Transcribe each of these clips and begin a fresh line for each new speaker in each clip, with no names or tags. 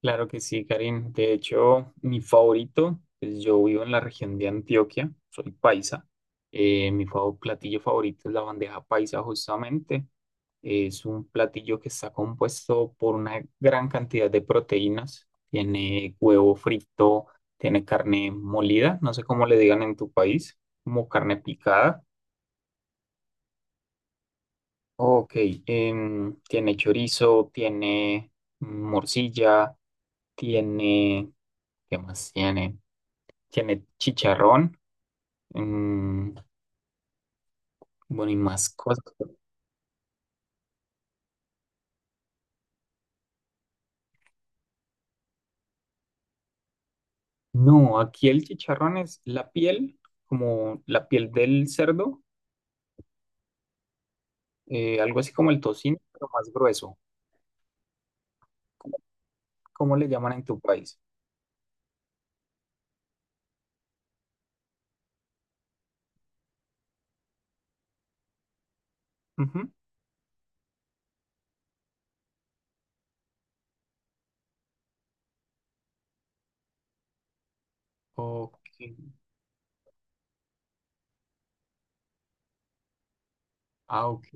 Claro que sí, Karim. De hecho, mi favorito, pues yo vivo en la región de Antioquia, soy paisa. Platillo favorito es la bandeja paisa, justamente. Es un platillo que está compuesto por una gran cantidad de proteínas. Tiene huevo frito, tiene carne molida, no sé cómo le digan en tu país, como carne picada. Ok, tiene chorizo, tiene morcilla, tiene, ¿qué más tiene? Tiene chicharrón, em, bueno, y más cosas. No, aquí el chicharrón es la piel, como la piel del cerdo, algo así como el tocino, pero más grueso. ¿Cómo, cómo le llaman en tu país? Ujú. Ok, ah, ok.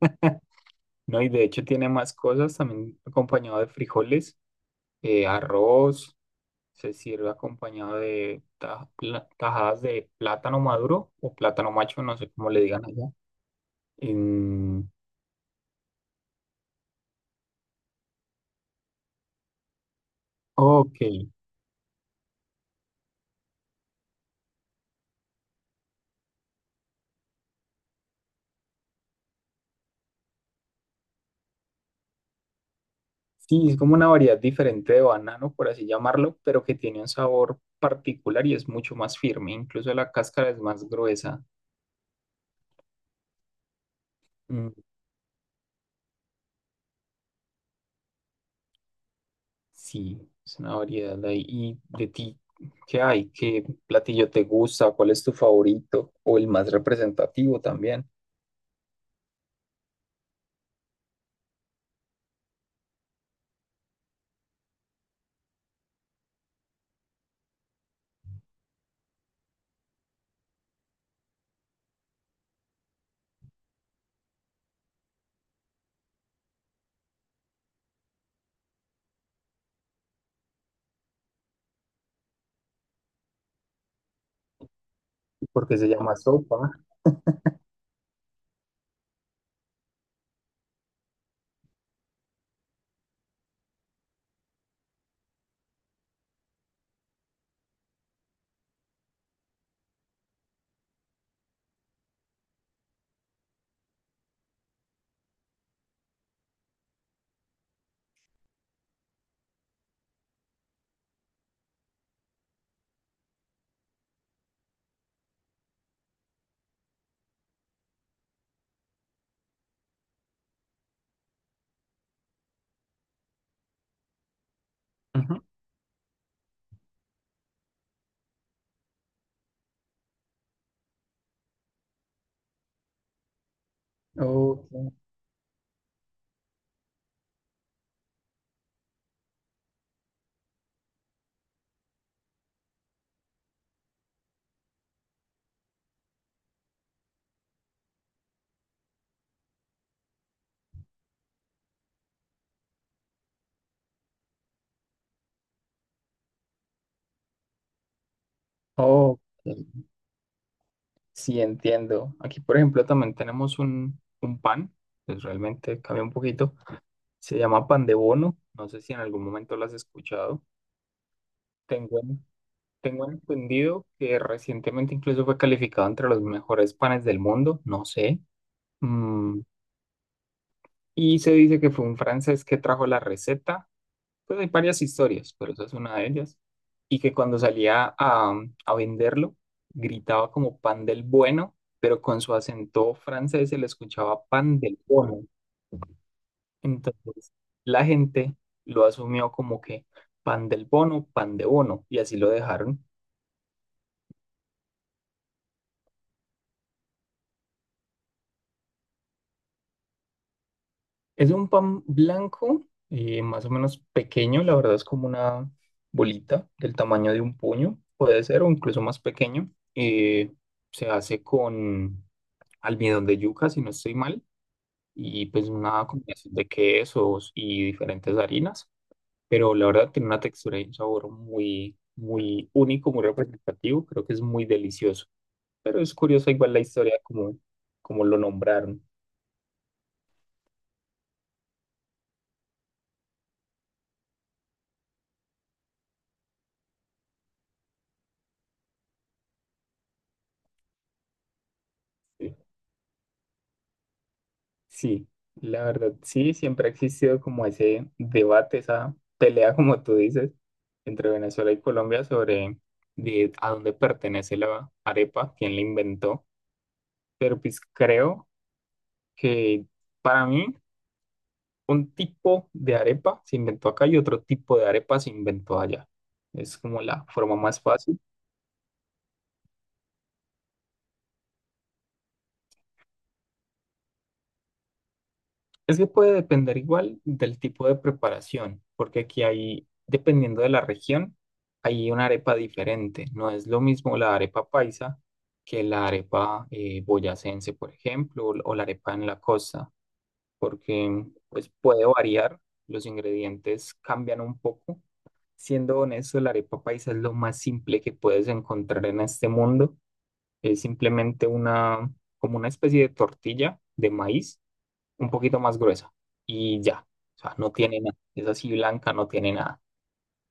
No, y de hecho tiene más cosas, también acompañado de frijoles, arroz, se sirve acompañado de tajadas de plátano maduro o plátano macho, no sé cómo le digan allá. En- ok, sí, es como una variedad diferente de banano, por así llamarlo, pero que tiene un sabor particular y es mucho más firme, incluso la cáscara es más gruesa. Mm, sí, es una variedad de ahí. ¿Y de ti qué hay? ¿Qué platillo te gusta? ¿Cuál es tu favorito? O el más representativo también, porque se llama sopa. Ok, ok, sí entiendo. Aquí, por ejemplo, también tenemos un pan, pues realmente cambia un poquito. Se llama pan de bono. No sé si en algún momento lo has escuchado. Tengo, en- Tengo entendido que recientemente incluso fue calificado entre los mejores panes del mundo, no sé. Mm, y se dice que fue un francés que trajo la receta. Pues hay varias historias, pero esa es una de ellas. Y que cuando salía a venderlo, gritaba como pan del bueno, pero con su acento francés se le escuchaba pan del bono. Entonces la gente lo asumió como que pan del bono, pan de bono, y así lo dejaron. Es un pan blanco, más o menos pequeño, la verdad es como una bolita del tamaño de un puño, puede ser, o incluso más pequeño. Se hace con almidón de yuca, si no estoy mal, y pues una combinación de quesos y diferentes harinas, pero la verdad tiene una textura y un sabor muy, muy único, muy representativo, creo que es muy delicioso, pero es curioso igual la historia como, como lo nombraron. Sí, sí, la verdad, sí, siempre ha existido como ese debate, esa pelea, como tú dices, entre Venezuela y Colombia sobre de, a dónde pertenece la arepa, quién la inventó, pero pues creo que para mí un tipo de arepa se inventó acá y otro tipo de arepa se inventó allá. Es como la forma más fácil. Es que puede depender igual del tipo de preparación, porque aquí hay, dependiendo de la región, hay una arepa diferente. No es lo mismo la arepa paisa que la arepa boyacense, por ejemplo, o la arepa en la costa, porque pues puede variar, los ingredientes cambian un poco. Siendo honesto, la arepa paisa es lo más simple que puedes encontrar en este mundo. Es simplemente una, como una especie de tortilla de maíz, un poquito más gruesa y ya. O sea, no tiene nada. Es así blanca, no tiene nada.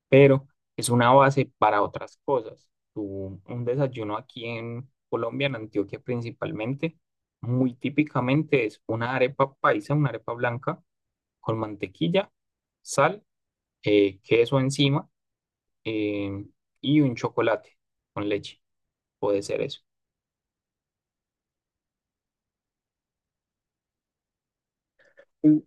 Pero es una base para otras cosas. Un desayuno aquí en Colombia, en Antioquia principalmente, muy típicamente es una arepa paisa, una arepa blanca con mantequilla, sal, queso encima, eh, y un chocolate con leche, puede ser eso. Mm.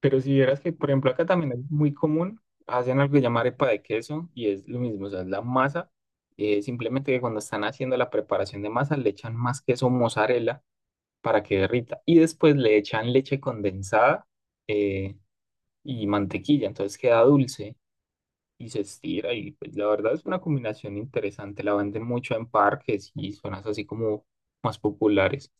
Pero si vieras que, por ejemplo, acá también es muy común, hacen algo que llamar arepa de queso y es lo mismo, o sea, es la masa, simplemente que cuando están haciendo la preparación de masa le echan más queso mozzarella para que derrita y después le echan leche condensada, eh, y mantequilla, entonces queda dulce y se estira y pues la verdad es una combinación interesante, la venden mucho en parques y zonas así como más populares.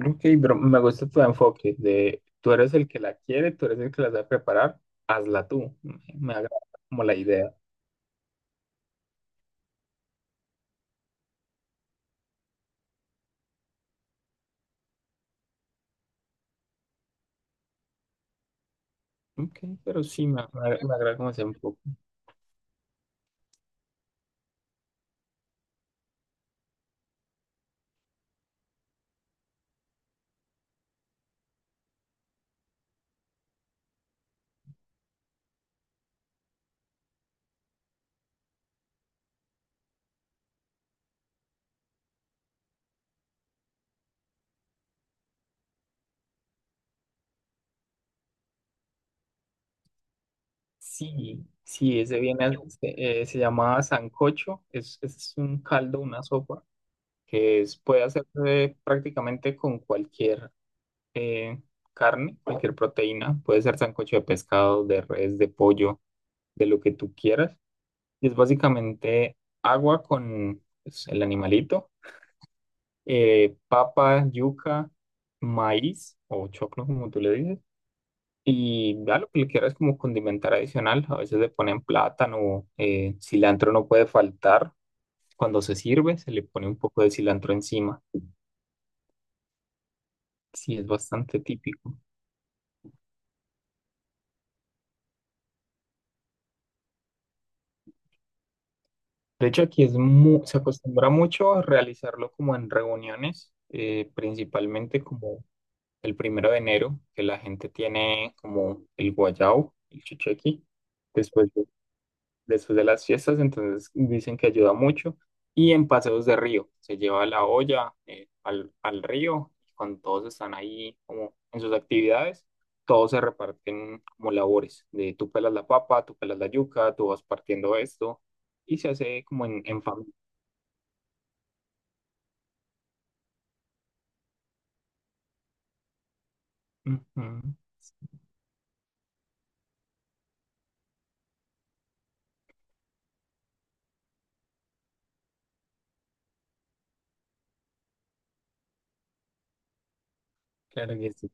Ok, pero me gusta tu enfoque de tú eres el que la quiere, tú eres el que la sabe preparar, hazla tú. Me agrada como la idea. Ok, pero sí, me agrada como ese enfoque. Sí, sí, ese viene, se llama sancocho, es un caldo, una sopa, puede hacerse prácticamente con cualquier eh, carne, cualquier proteína. Puede ser sancocho de pescado, de res, de pollo, de lo que tú quieras. Y es básicamente agua con pues, el animalito, papa, yuca, maíz o choclo, como tú le dices. Y ya lo que le quieras como condimentar adicional. A veces le ponen plátano, cilantro no puede faltar. Cuando se sirve, se le pone un poco de cilantro encima. Sí, es bastante típico. De hecho, aquí es se acostumbra mucho a realizarlo como en reuniones, principalmente como el 1 de enero, que la gente tiene como el guayao, el chuchequi, después de, después de las fiestas, entonces dicen que ayuda mucho. Y en paseos de río, se lleva la olla al río, y cuando todos están ahí como en sus actividades, todos se reparten como labores, de tú pelas la papa, tú pelas la yuca, tú vas partiendo esto, y se hace como en familia. Ujú. Claro que sí.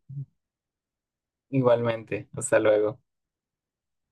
Igualmente, hasta luego.